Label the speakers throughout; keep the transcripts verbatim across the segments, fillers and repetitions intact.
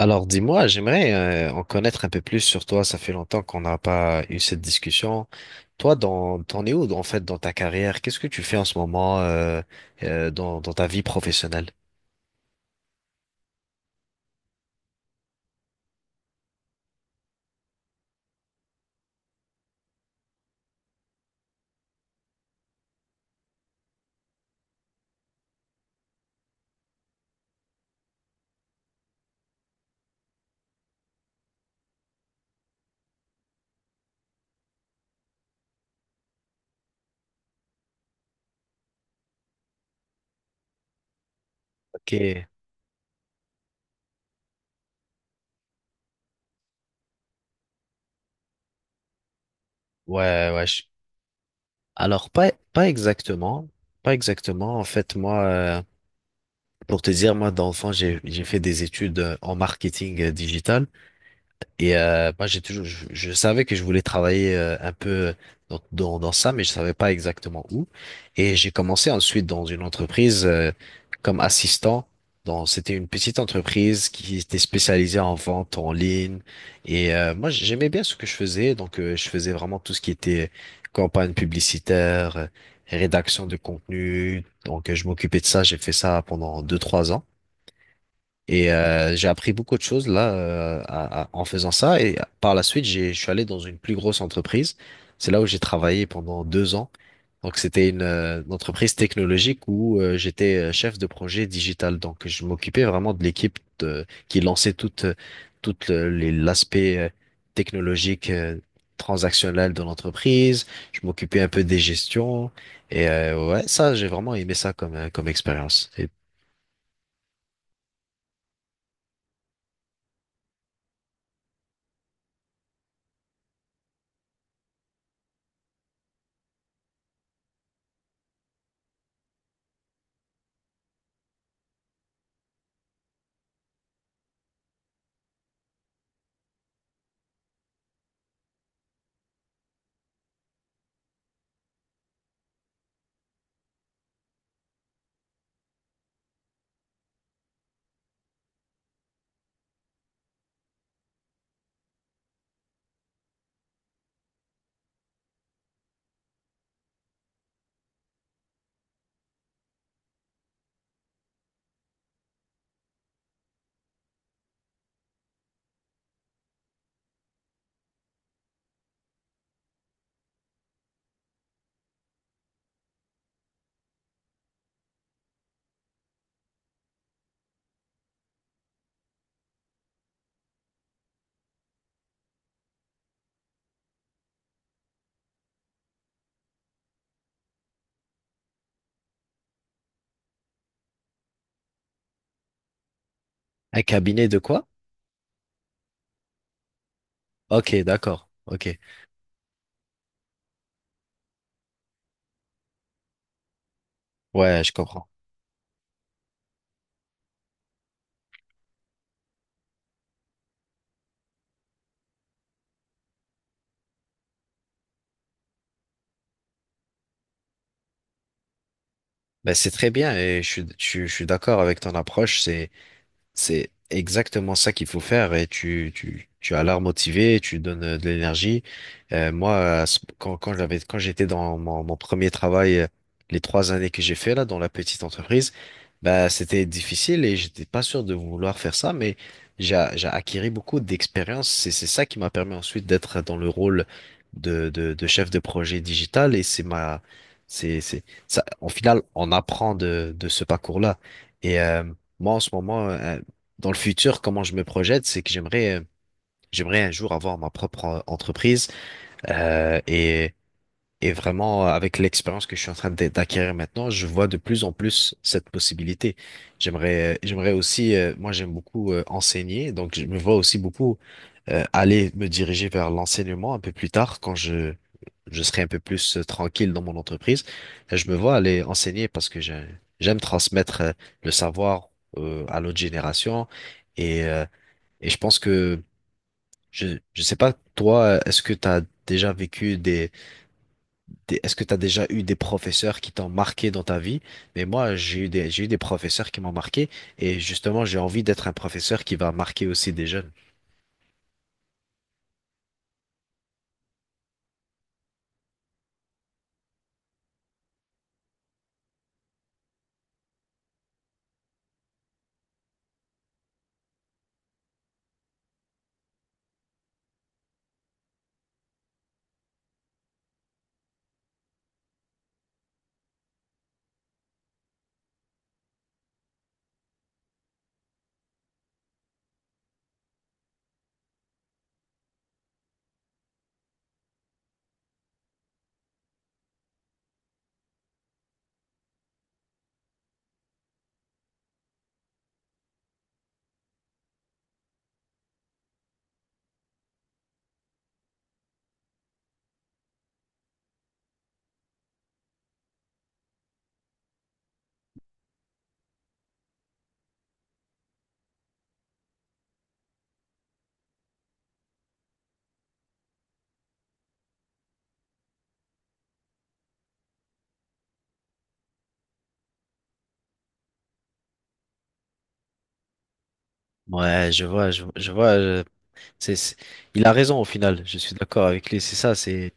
Speaker 1: Alors dis-moi, j'aimerais euh, en connaître un peu plus sur toi. Ça fait longtemps qu'on n'a pas eu cette discussion. Toi, dans, t'en es où en fait dans ta carrière? Qu'est-ce que tu fais en ce moment euh, euh, dans, dans ta vie professionnelle? Ok, ouais, ouais. je- Alors pas pas exactement, pas exactement. En fait, moi, euh, pour te dire, moi d'enfant, j'ai j'ai fait des études euh, en marketing euh, digital. Et euh, moi, j'ai toujours, je, je savais que je voulais travailler euh, un peu dans, dans, dans ça, mais je savais pas exactement où. Et j'ai commencé ensuite dans une entreprise euh, comme assistant. Dans, c'était une petite entreprise qui était spécialisée en vente en ligne. Et euh, moi, j'aimais bien ce que je faisais. Donc, euh, je faisais vraiment tout ce qui était campagne publicitaire, euh, rédaction de contenu. Donc, euh, je m'occupais de ça. J'ai fait ça pendant deux, trois ans. Et euh, j'ai appris beaucoup de choses là euh, à- à- en faisant ça. Et par la suite, j'ai, je suis allé dans une plus grosse entreprise. C'est là où j'ai travaillé pendant deux ans. Donc c'était une, euh, une entreprise technologique où euh, j'étais euh, chef de projet digital. Donc je m'occupais vraiment de l'équipe de- qui lançait toute euh, toute le- les- l'aspect euh, technologique euh, transactionnel de l'entreprise. Je m'occupais un peu des gestions. Et euh, ouais, ça j'ai vraiment aimé ça comme euh, comme expérience. Et Un cabinet de quoi? Ok, d'accord. Ok. Ouais, je comprends. Ben, c'est très bien et je suis, je, suis je suis d'accord avec ton approche. C'est, C'est exactement ça qu'il faut faire et tu, tu, tu as l'air motivé, tu donnes euh, de l'énergie. Euh, moi, à ce- quand, quand j'avais, quand j'étais dans mon, mon premier travail, euh, les trois années que j'ai fait là dans la petite entreprise, bah, c'était difficile et j'étais pas sûr de vouloir faire ça, mais j'ai, j'ai acquis beaucoup d'expérience. C'est, c'est ça qui m'a permis ensuite d'être dans le rôle de, de, de chef de projet digital et c'est ma, c'est, c'est, ça, au final, on apprend de, de ce parcours-là. Et, euh, Moi, en ce moment, euh, dans le futur, comment je me projette, c'est que j'aimerais, euh, j'aimerais un jour avoir ma propre euh, entreprise, euh, et et vraiment, euh, avec l'expérience que je suis en train d'a- d'acquérir maintenant, je vois de plus en plus cette possibilité. J'aimerais, euh, j'aimerais aussi, euh, moi j'aime beaucoup euh, enseigner, donc je me vois aussi beaucoup euh, aller me diriger vers l'enseignement un peu plus tard quand je je serai un peu plus euh, tranquille dans mon entreprise. Euh, Je me vois aller enseigner parce que j'ai- j'aime transmettre, euh, le savoir euh, à l'autre génération, et euh, et je pense que, je, je sais pas, toi, est-ce que tu as déjà vécu des, des- est-ce que tu as déjà eu des professeurs qui t'ont marqué dans ta vie? Mais moi, j'ai eu des, j'ai eu des professeurs qui m'ont marqué et justement, j'ai envie d'être un professeur qui va marquer aussi des jeunes. Ouais, je vois, je, je vois, je- c'est, c'est- il a raison au final, je suis d'accord avec lui, c'est ça, c'est,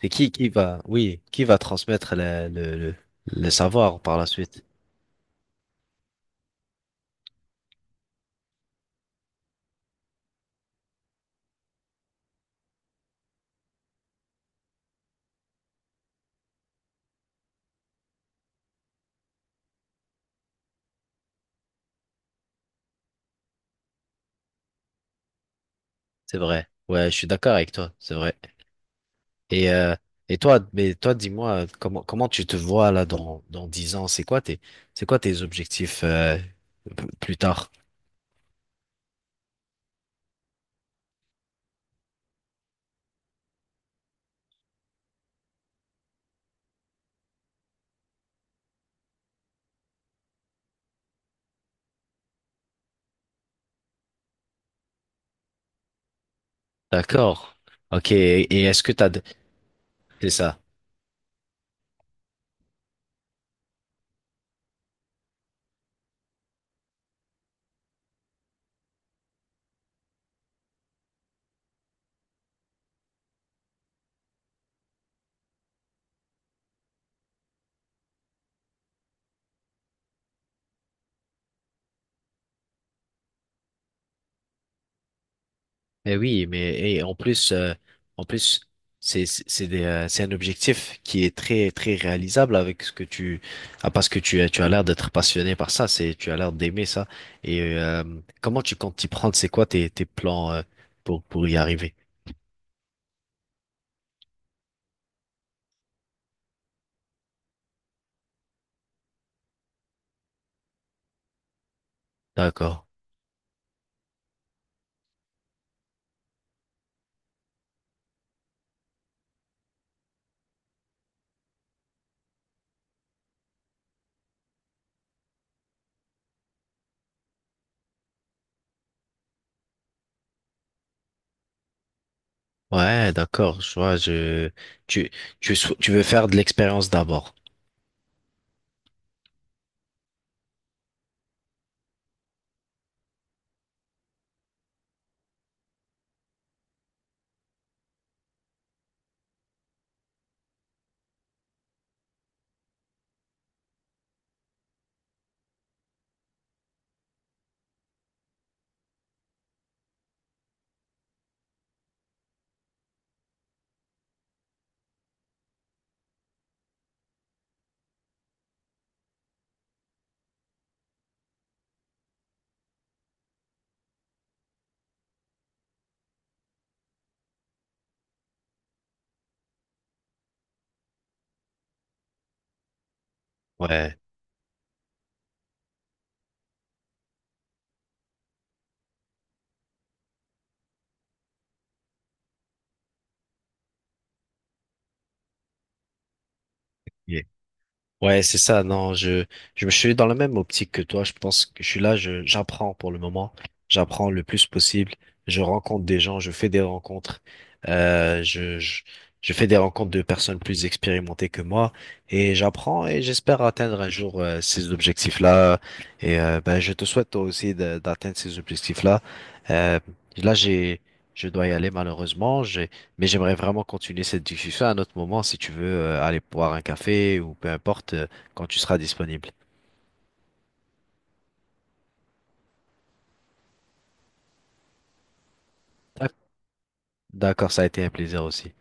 Speaker 1: c'est qui, qui va, oui, qui va transmettre le, le, le le savoir par la suite? C'est vrai. Ouais, je suis d'accord avec toi. C'est vrai. Et, euh, et toi, mais toi, dis-moi, comment, comment tu te vois là dans, dans dix ans? C'est quoi tes, c'est quoi tes objectifs, euh, p- plus tard? D'accord. Ok. Et, et est-ce que t'as, de- c'est ça. Mais oui, mais et en plus, euh, en plus, c'est c'est c'est des, euh, c'est un objectif qui est très très réalisable avec ce que tu ah, parce que tu as tu as l'air d'être passionné par ça, c'est tu as l'air d'aimer ça. Et euh, Comment tu comptes t'y prendre? C'est quoi tes tes plans, euh, pour pour y arriver? D'accord. Ouais, d'accord, je vois, je, tu, tu, sou- tu veux faire de l'expérience d'abord. Ouais. Yeah. Ouais, c'est ça. Non, je, je me suis dans la même optique que toi. Je pense que je suis là, je, j'apprends pour le moment. J'apprends le plus possible. Je rencontre des gens, je fais des rencontres. Euh, je, je, je fais des rencontres de personnes plus expérimentées que moi et j'apprends et j'espère atteindre un jour euh, ces objectifs-là. Et euh, ben, je te souhaite toi aussi de- d'atteindre ces objectifs-là. Euh, Là, j'ai, je dois y aller malheureusement. J'ai Mais j'aimerais vraiment continuer cette discussion à un autre moment si tu veux euh, aller boire un café ou peu importe euh, quand tu seras disponible. D'ac- D'accord, ça a été un plaisir aussi.